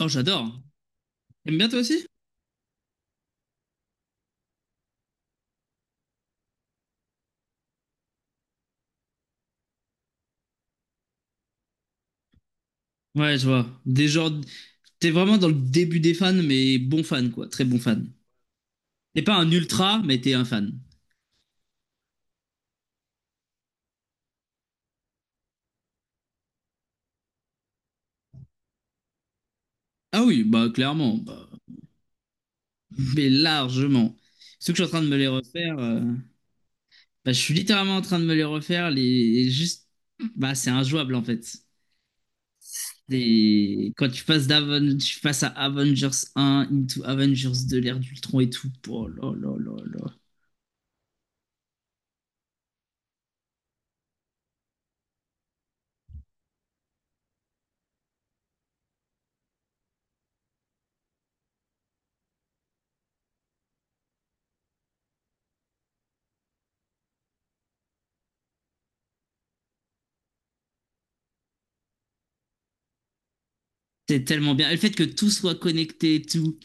Oh, j'adore. T'aimes bien toi aussi? Ouais, je vois. Des genres... T'es vraiment dans le début des fans, mais bon fan, quoi. Très bon fan. T'es pas un ultra, mais t'es un fan. Ah oui, bah clairement. Bah, mais largement. Surtout que je suis en train de me les refaire. Bah, je suis littéralement en train de me les refaire. Les... Juste... Bah, c'est injouable, en fait. Et quand tu passes à Avengers 1, into Avengers 2, l'ère d'Ultron et tout. Oh là là là là. C'est tellement bien. Et le fait que tout soit connecté et tout.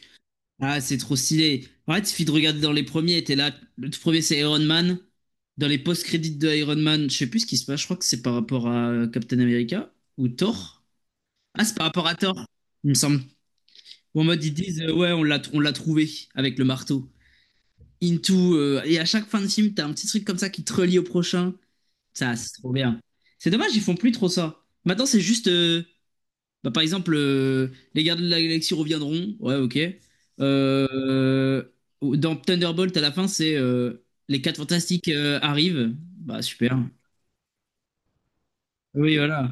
Ah, c'est trop stylé. En fait, il suffit de regarder dans les premiers, t'es là. Le tout premier, c'est Iron Man. Dans les post-crédits de Iron Man, je sais plus ce qui se passe, je crois que c'est par rapport à Captain America ou Thor. Ah, c'est par rapport à Thor, il me semble. Ou en mode, ils disent, ouais, on l'a trouvé avec le marteau. Into. Et à chaque fin de film, t'as un petit truc comme ça qui te relie au prochain. Ça, c'est trop bien. C'est dommage, ils font plus trop ça. Maintenant, c'est juste, bah, par exemple, les gardiens de la galaxie reviendront. Ouais, ok. Euh, dans Thunderbolt, à la fin, c'est les quatre fantastiques arrivent. Bah, super. Oui, voilà.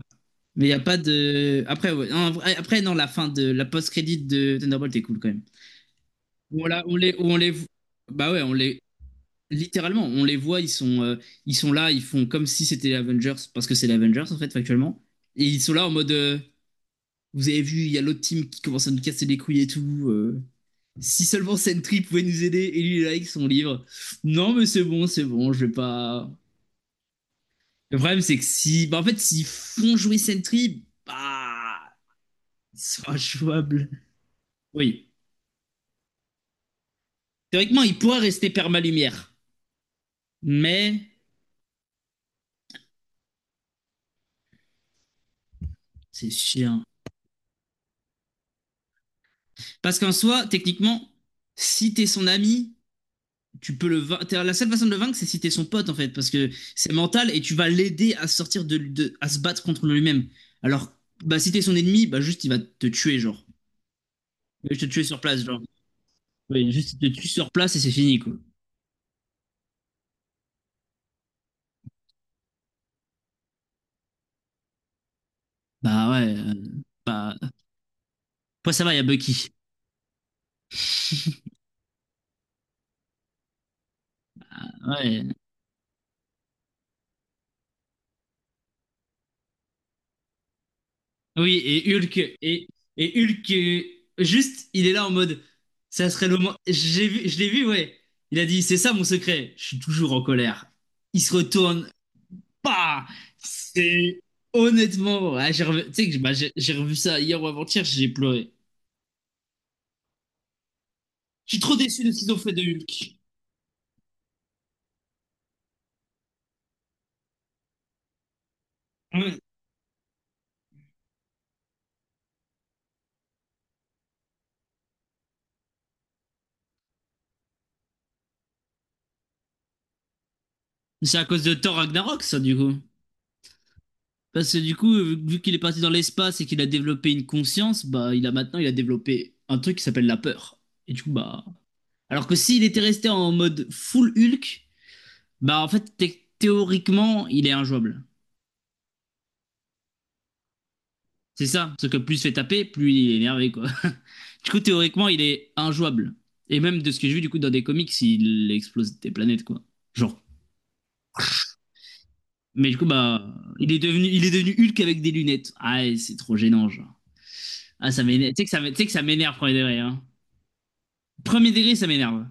Mais il n'y a pas de. Après, ouais, non, après, non, la fin de la post-crédit de Thunderbolt est cool quand même. Voilà, bah ouais, littéralement, on les voit, ils sont là, ils font comme si c'était les Avengers, parce que c'est les Avengers en fait, factuellement. Et ils sont là en mode, vous avez vu, il y a l'autre team qui commence à nous casser les couilles et tout. Si seulement Sentry pouvait nous aider et lui avec son livre. Non, mais c'est bon, je vais pas. Le problème, c'est que si. Bah, en fait, s'ils font jouer Sentry, bah. Ils sont injouables. Oui. Théoriquement, il pourrait rester perma-lumière. Mais. C'est chiant. Parce qu'en soi, techniquement, si t'es son ami, tu peux le vain- la seule façon de le vaincre, c'est si t'es son pote, en fait. Parce que c'est mental et tu vas l'aider à sortir à se battre contre lui-même. Alors, bah, si t'es son ennemi, bah, juste, il va te tuer, genre. Je te tuer sur place, genre. Oui, juste, il te tue sur place et c'est fini, quoi. Bah ouais. Bah... Après, ça va, il y a Bucky. Ouais. Oui, et Hulk. Et Hulk, juste, il est là en mode. Ça serait le moment. Je l'ai vu, ouais. Il a dit, c'est ça mon secret. Je suis toujours en colère. Il se retourne. Bah. C'est. Honnêtement, ouais, tu sais que bah, j'ai revu ça hier ou avant-hier, j'ai pleuré. Je suis trop déçu de ce qu'ils ont fait de Hulk. Ouais. C'est à cause de Thor Ragnarok, ça, du coup. Parce que du coup, vu qu'il est parti dans l'espace et qu'il a développé une conscience, bah il a maintenant, il a développé un truc qui s'appelle la peur. Et du coup, bah. Alors que s'il était resté en mode full Hulk, bah en fait, théoriquement, il est injouable. C'est ça, parce que plus il se fait taper, plus il est énervé, quoi. Du coup, théoriquement, il est injouable. Et même de ce que j'ai vu, du coup, dans des comics, il explose des planètes, quoi. Genre. Mais du coup, bah, il est devenu Hulk avec des lunettes. Ah, et c'est trop gênant, genre. Ah, ça m'énerve. Tu sais que ça m'énerve, premier degré, hein. Premier degré, ça m'énerve.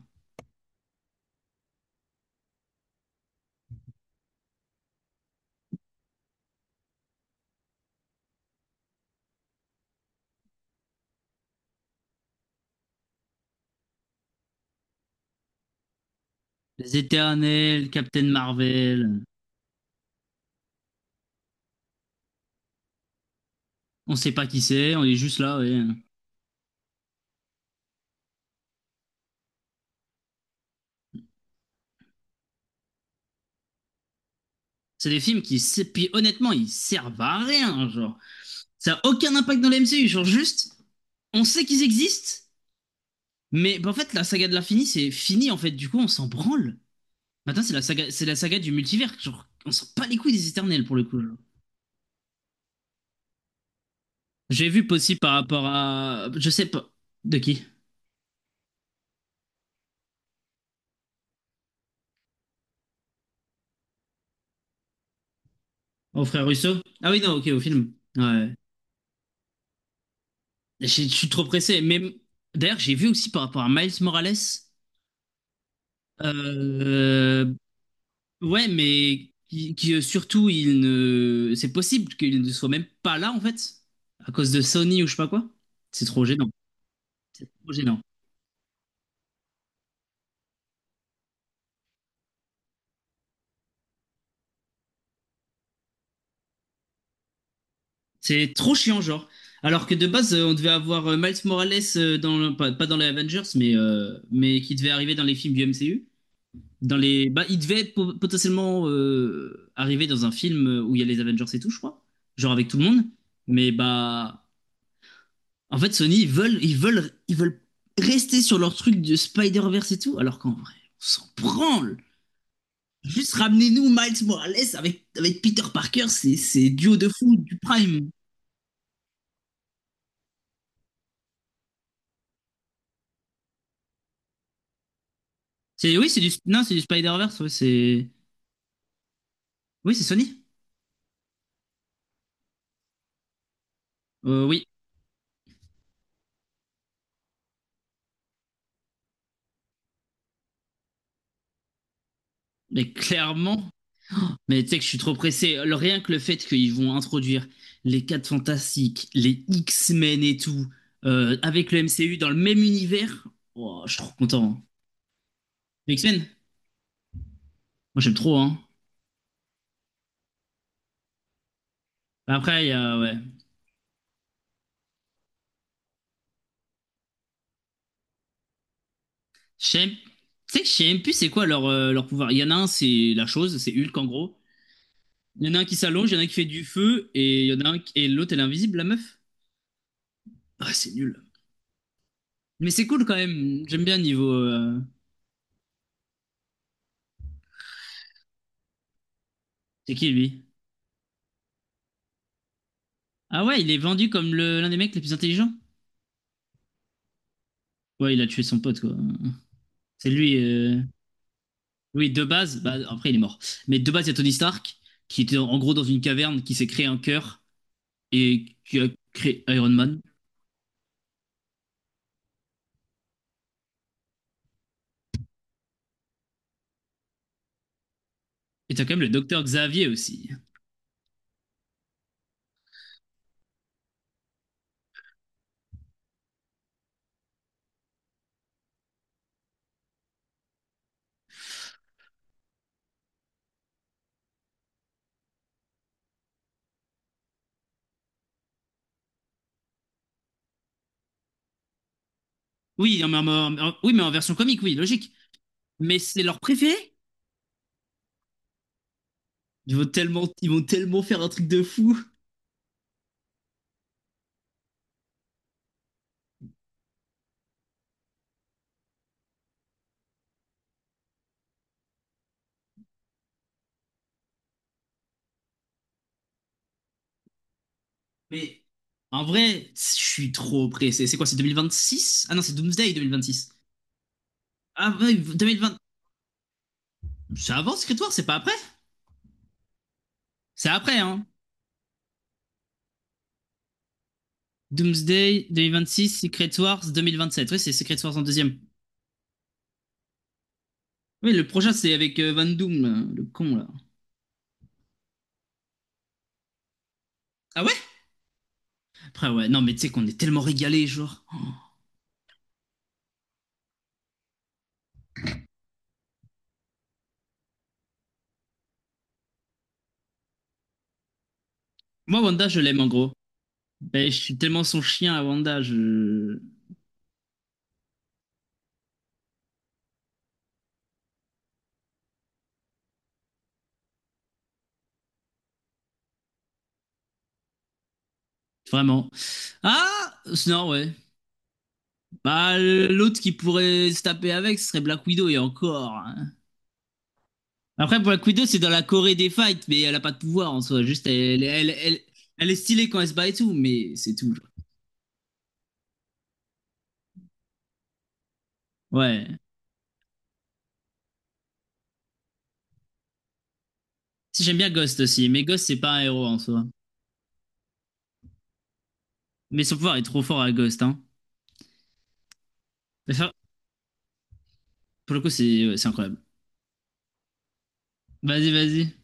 Les Éternels, Captain Marvel, on sait pas qui c'est, on est juste là, ouais. C'est des films qui, puis honnêtement, ils servent à rien, genre. Ça a aucun impact dans le MCU, genre juste, on sait qu'ils existent, mais bah, en fait, la saga de l'infini, c'est fini, en fait, du coup, on s'en branle. Maintenant, c'est la saga du multivers, genre, on s'en pas les couilles des Éternels, pour le coup. Genre. J'ai vu possible par rapport à, je sais pas, de qui? Au frère Russo? Ah oui, non, ok, au film. Ouais. Je suis trop pressé. Mais d'ailleurs, j'ai vu aussi par rapport à Miles Morales. euh, ouais, mais qui, surtout, il ne. C'est possible qu'il ne soit même pas là en fait, à cause de Sony ou je sais pas quoi. C'est trop gênant. C'est trop gênant. C'est trop chiant, genre. Alors que de base, on devait avoir Miles Morales pas dans les Avengers, mais qui devait arriver dans les films du MCU. Dans les... bah, il devait potentiellement arriver dans un film où il y a les Avengers et tout, je crois. Genre avec tout le monde. Mais bah. En fait, Sony, ils veulent rester sur leur truc de Spider-Verse et tout, alors qu'en vrai, on s'en branle. Juste ramenez-nous Miles Morales avec Peter Parker, c'est duo de fou du Prime. C'est, oui, c'est du, non, c'est du Spider-Verse, ouais, c'est, oui, c'est Sony. Oui, mais clairement. Mais tu sais que je suis trop pressé. Rien que le fait qu'ils vont introduire les quatre Fantastiques, les X-Men et tout, avec le MCU dans le même univers, oh, je suis trop content. Les X-Men, moi j'aime trop, hein. Après, il y a, ouais. Je sais même- tu sais que je sais même plus c'est quoi leur pouvoir. Il y en a un, c'est la chose, c'est Hulk en gros. Il y en a un qui s'allonge, il y en a un qui fait du feu, et il y en a et l'autre, elle est invisible, la meuf. Ah, c'est nul. Mais c'est cool quand même. J'aime bien le niveau. C'est qui lui? Ah ouais, il est vendu comme l'un des mecs les plus intelligents. Ouais, il a tué son pote, quoi. C'est lui. Oui, de base, bah, après il est mort. Mais de base, il y a Tony Stark, qui était en gros dans une caverne, qui s'est créé un cœur et qui a créé Iron Man. Et t'as quand même le docteur Xavier aussi. Oui, mais oui, mais en version comique, oui, logique. Mais c'est leur préféré. Ils vont tellement faire un truc de fou. Mais en vrai, je suis trop pressé. C'est quoi, c'est 2026? Ah non, c'est Doomsday 2026. Ah ouais, 2020. C'est avant Secret War, c'est pas après? C'est après, hein. Doomsday 2026, Secret Wars 2027. Oui, c'est Secret Wars en deuxième. Oui, le prochain, c'est avec Van Doom, là, le con, là. Ah ouais. Après, ouais, non, mais tu sais qu'on est tellement régalés, genre. Moi, Wanda, je l'aime, en gros. Ben, je suis tellement son chien à Wanda, je... Vraiment. Ah, non, ouais. Bah, l'autre qui pourrait se taper avec, ce serait Black Widow, et encore, hein. Après, Black Widow, c'est dans la Corée des fights, mais elle a pas de pouvoir, en soi. Juste, elle est stylée quand elle se bat et tout, mais c'est tout, genre. Ouais. Si, j'aime bien Ghost aussi, mais Ghost, c'est pas un héros en soi. Mais son pouvoir est trop fort à Ghost, hein. Mais ça, pour le coup, c'est ouais, c'est incroyable. Vas-y, vas-y.